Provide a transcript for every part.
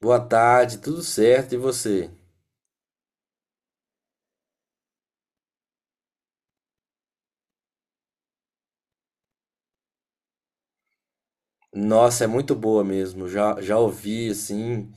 Boa tarde, tudo certo? E você? Nossa, é muito boa mesmo. Já ouvi assim.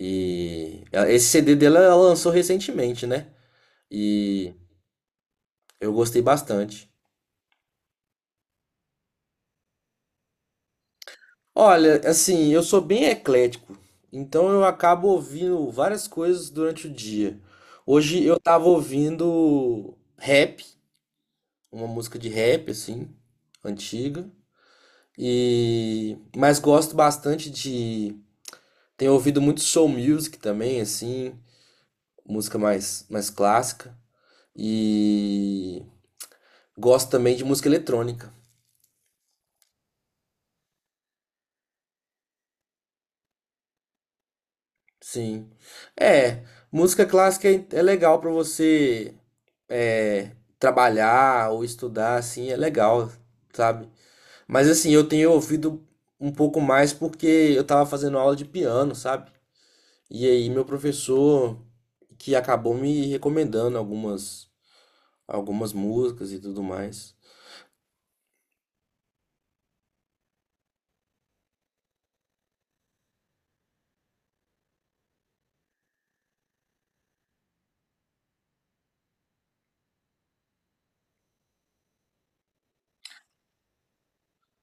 E esse CD dela ela lançou recentemente, né? E eu gostei bastante. Olha, assim, eu sou bem eclético, então eu acabo ouvindo várias coisas durante o dia. Hoje eu tava ouvindo rap, uma música de rap assim, antiga. E mas gosto bastante de tenho ouvido muito soul music também, assim. Música mais clássica. E gosto também de música eletrônica. Sim. É, música clássica é legal pra você, é, trabalhar ou estudar, assim, é legal, sabe? Mas assim, eu tenho ouvido um pouco mais porque eu tava fazendo aula de piano, sabe? E aí meu professor que acabou me recomendando algumas músicas e tudo mais.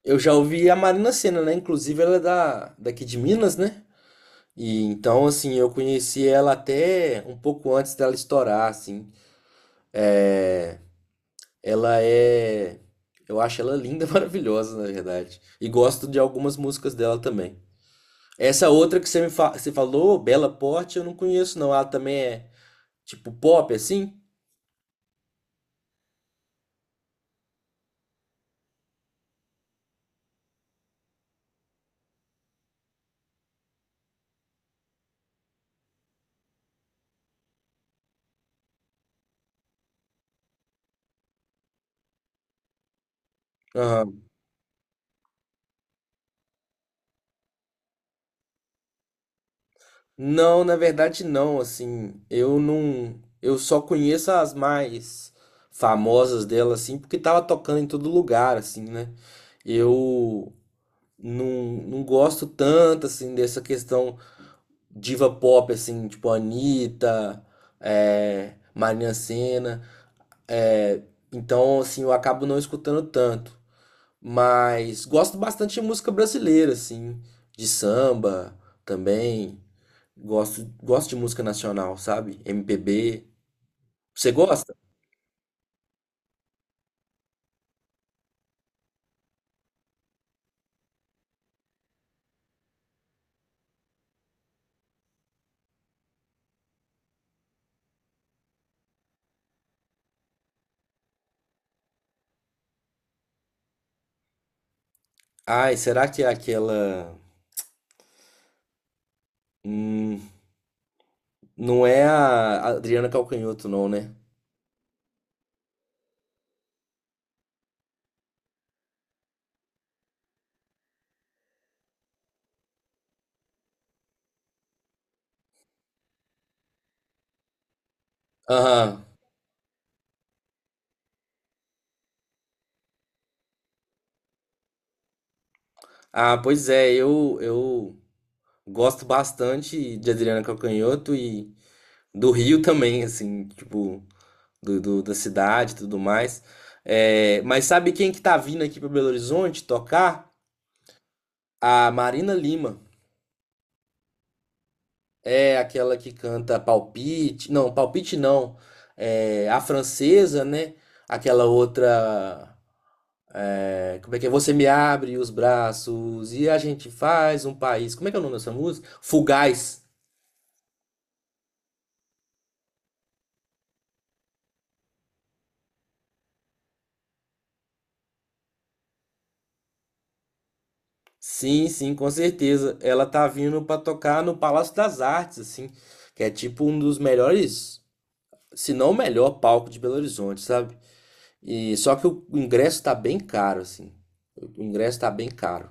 Eu já ouvi a Marina Sena, né? Inclusive ela é daqui de Minas, né? E então, assim, eu conheci ela até um pouco antes dela estourar, assim. Ela é. Eu acho ela linda, maravilhosa, na verdade. E gosto de algumas músicas dela também. Essa outra que você você falou, Bela Porte, eu não conheço, não. Ela também é tipo pop, assim? Não, na verdade não, assim, eu não, eu só conheço as mais famosas dela, assim, porque tava tocando em todo lugar, assim, né? Eu não, não gosto tanto, assim, dessa questão diva pop, assim, tipo Anitta, é, Marina Sena, é, então, assim, eu acabo não escutando tanto, mas gosto bastante de música brasileira, assim, de samba também. Gosto de música nacional, sabe? MPB. Você gosta? Ai, será que é aquela. Hum, não é a Adriana Calcanhoto, não, né? Aham. Ah, pois é, eu gosto bastante de Adriana Calcanhoto e do Rio também, assim, tipo, da cidade e tudo mais. É, mas sabe quem que tá vindo aqui para Belo Horizonte tocar? A Marina Lima. É aquela que canta Palpite. Não, Palpite não. É a francesa, né? Aquela outra. É, como é que é? Você me abre os braços e a gente faz um país. Como é que é o nome dessa música? Fugaz. Sim, sim, com certeza. Ela tá vindo pra tocar no Palácio das Artes, assim. Que é tipo um dos melhores, se não o melhor palco de Belo Horizonte, sabe? E só que o ingresso tá bem caro, assim. O ingresso tá bem caro.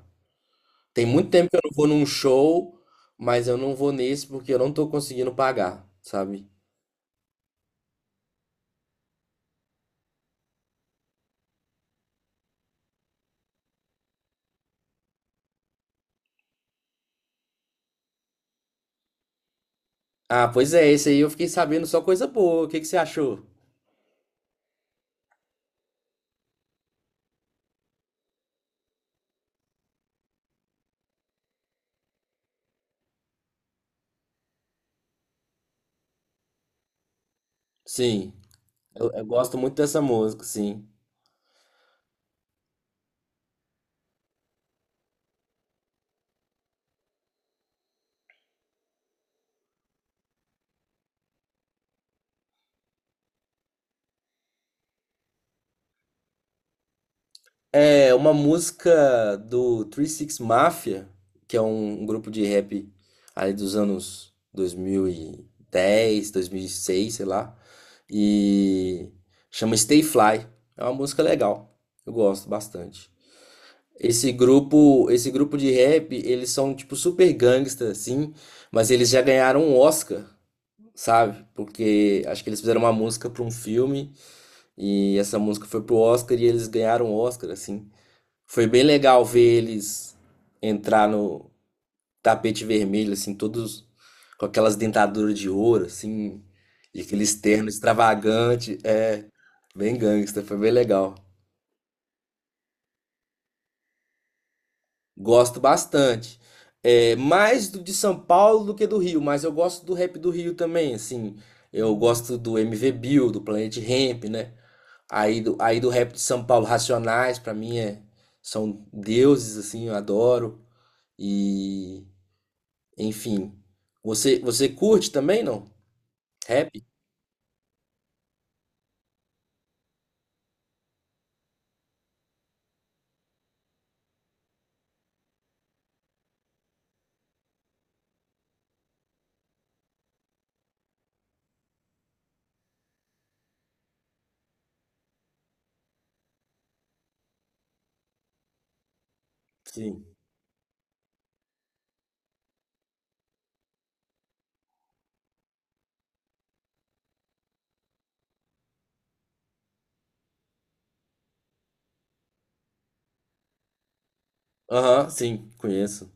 Tem muito tempo que eu não vou num show, mas eu não vou nesse porque eu não tô conseguindo pagar, sabe? Ah, pois é, esse aí eu fiquei sabendo só coisa boa. O que que você achou? Sim, eu gosto muito dessa música, sim. É uma música do 36 Mafia, que é um grupo de rap ali dos anos 2010, 2006, sei lá. E chama Stay Fly. É uma música legal. Eu gosto bastante. Esse grupo de rap, eles são tipo super gangsta, assim, mas eles já ganharam um Oscar, sabe? Porque acho que eles fizeram uma música para um filme e essa música foi pro Oscar e eles ganharam um Oscar, assim. Foi bem legal ver eles entrar no tapete vermelho, assim, todos com aquelas dentaduras de ouro, assim, e aquele terno extravagante, é, bem gangsta, foi bem legal. Gosto bastante. É, mais do de São Paulo do que do Rio, mas eu gosto do rap do Rio também, assim. Eu gosto do MV Bill, do Planet Hemp, né? Aí do rap de São Paulo, Racionais, pra mim são deuses, assim, eu adoro. E, enfim. Você curte também, não? Rap? Sim. Aham, sim, conheço.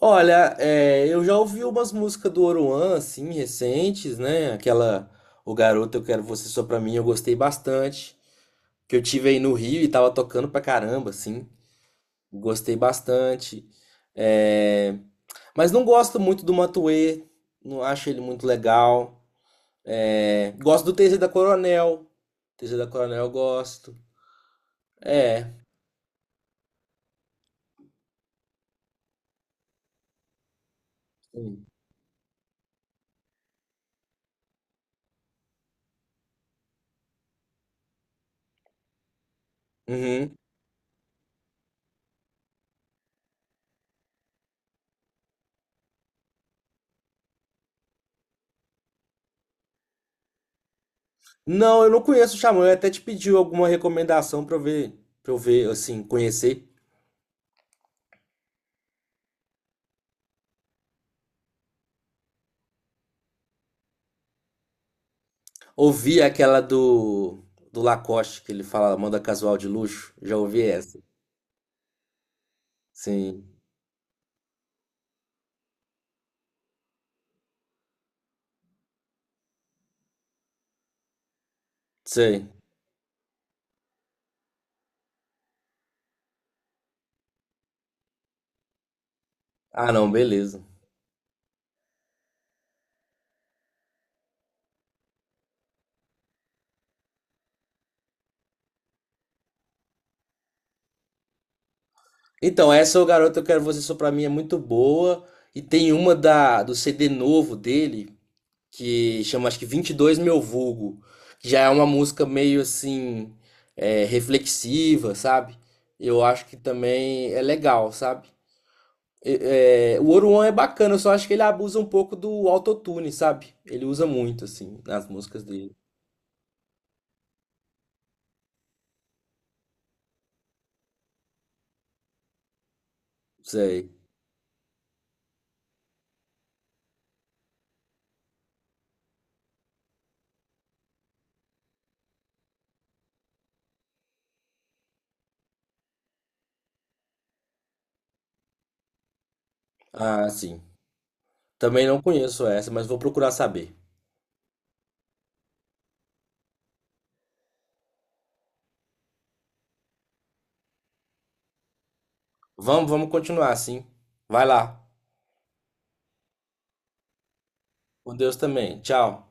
Olha, é, eu já ouvi umas músicas do Oruan, assim, recentes, né? Aquela O Garoto Eu Quero Você Só Pra Mim, eu gostei bastante. Que eu tive aí no Rio e tava tocando pra caramba, assim. Gostei bastante. É, mas não gosto muito do Matuê, não acho ele muito legal. É, gosto do TZ da Coronel. TZ da Coronel eu gosto. É. Sim. Uhum. Não, eu não conheço o Xamã, eu até te pedi alguma recomendação pra eu ver, assim, conhecer. Ouvi aquela do Lacoste, que ele fala moda casual de luxo. Já ouvi essa. Sim, sei. Ah, não, beleza. Então, essa é o Garoto Eu Quero Você Só Pra Mim é muito boa. E tem uma do CD novo dele, que chama acho que 22 Meu Vulgo, que já é uma música meio assim, é, reflexiva, sabe? Eu acho que também é legal, sabe? É, o Oruan é bacana, eu só acho que ele abusa um pouco do autotune, sabe? Ele usa muito, assim, nas músicas dele. Sei. Ah, sim. Também não conheço essa, mas vou procurar saber. Vamos, vamos continuar assim. Vai lá. Com Deus também. Tchau.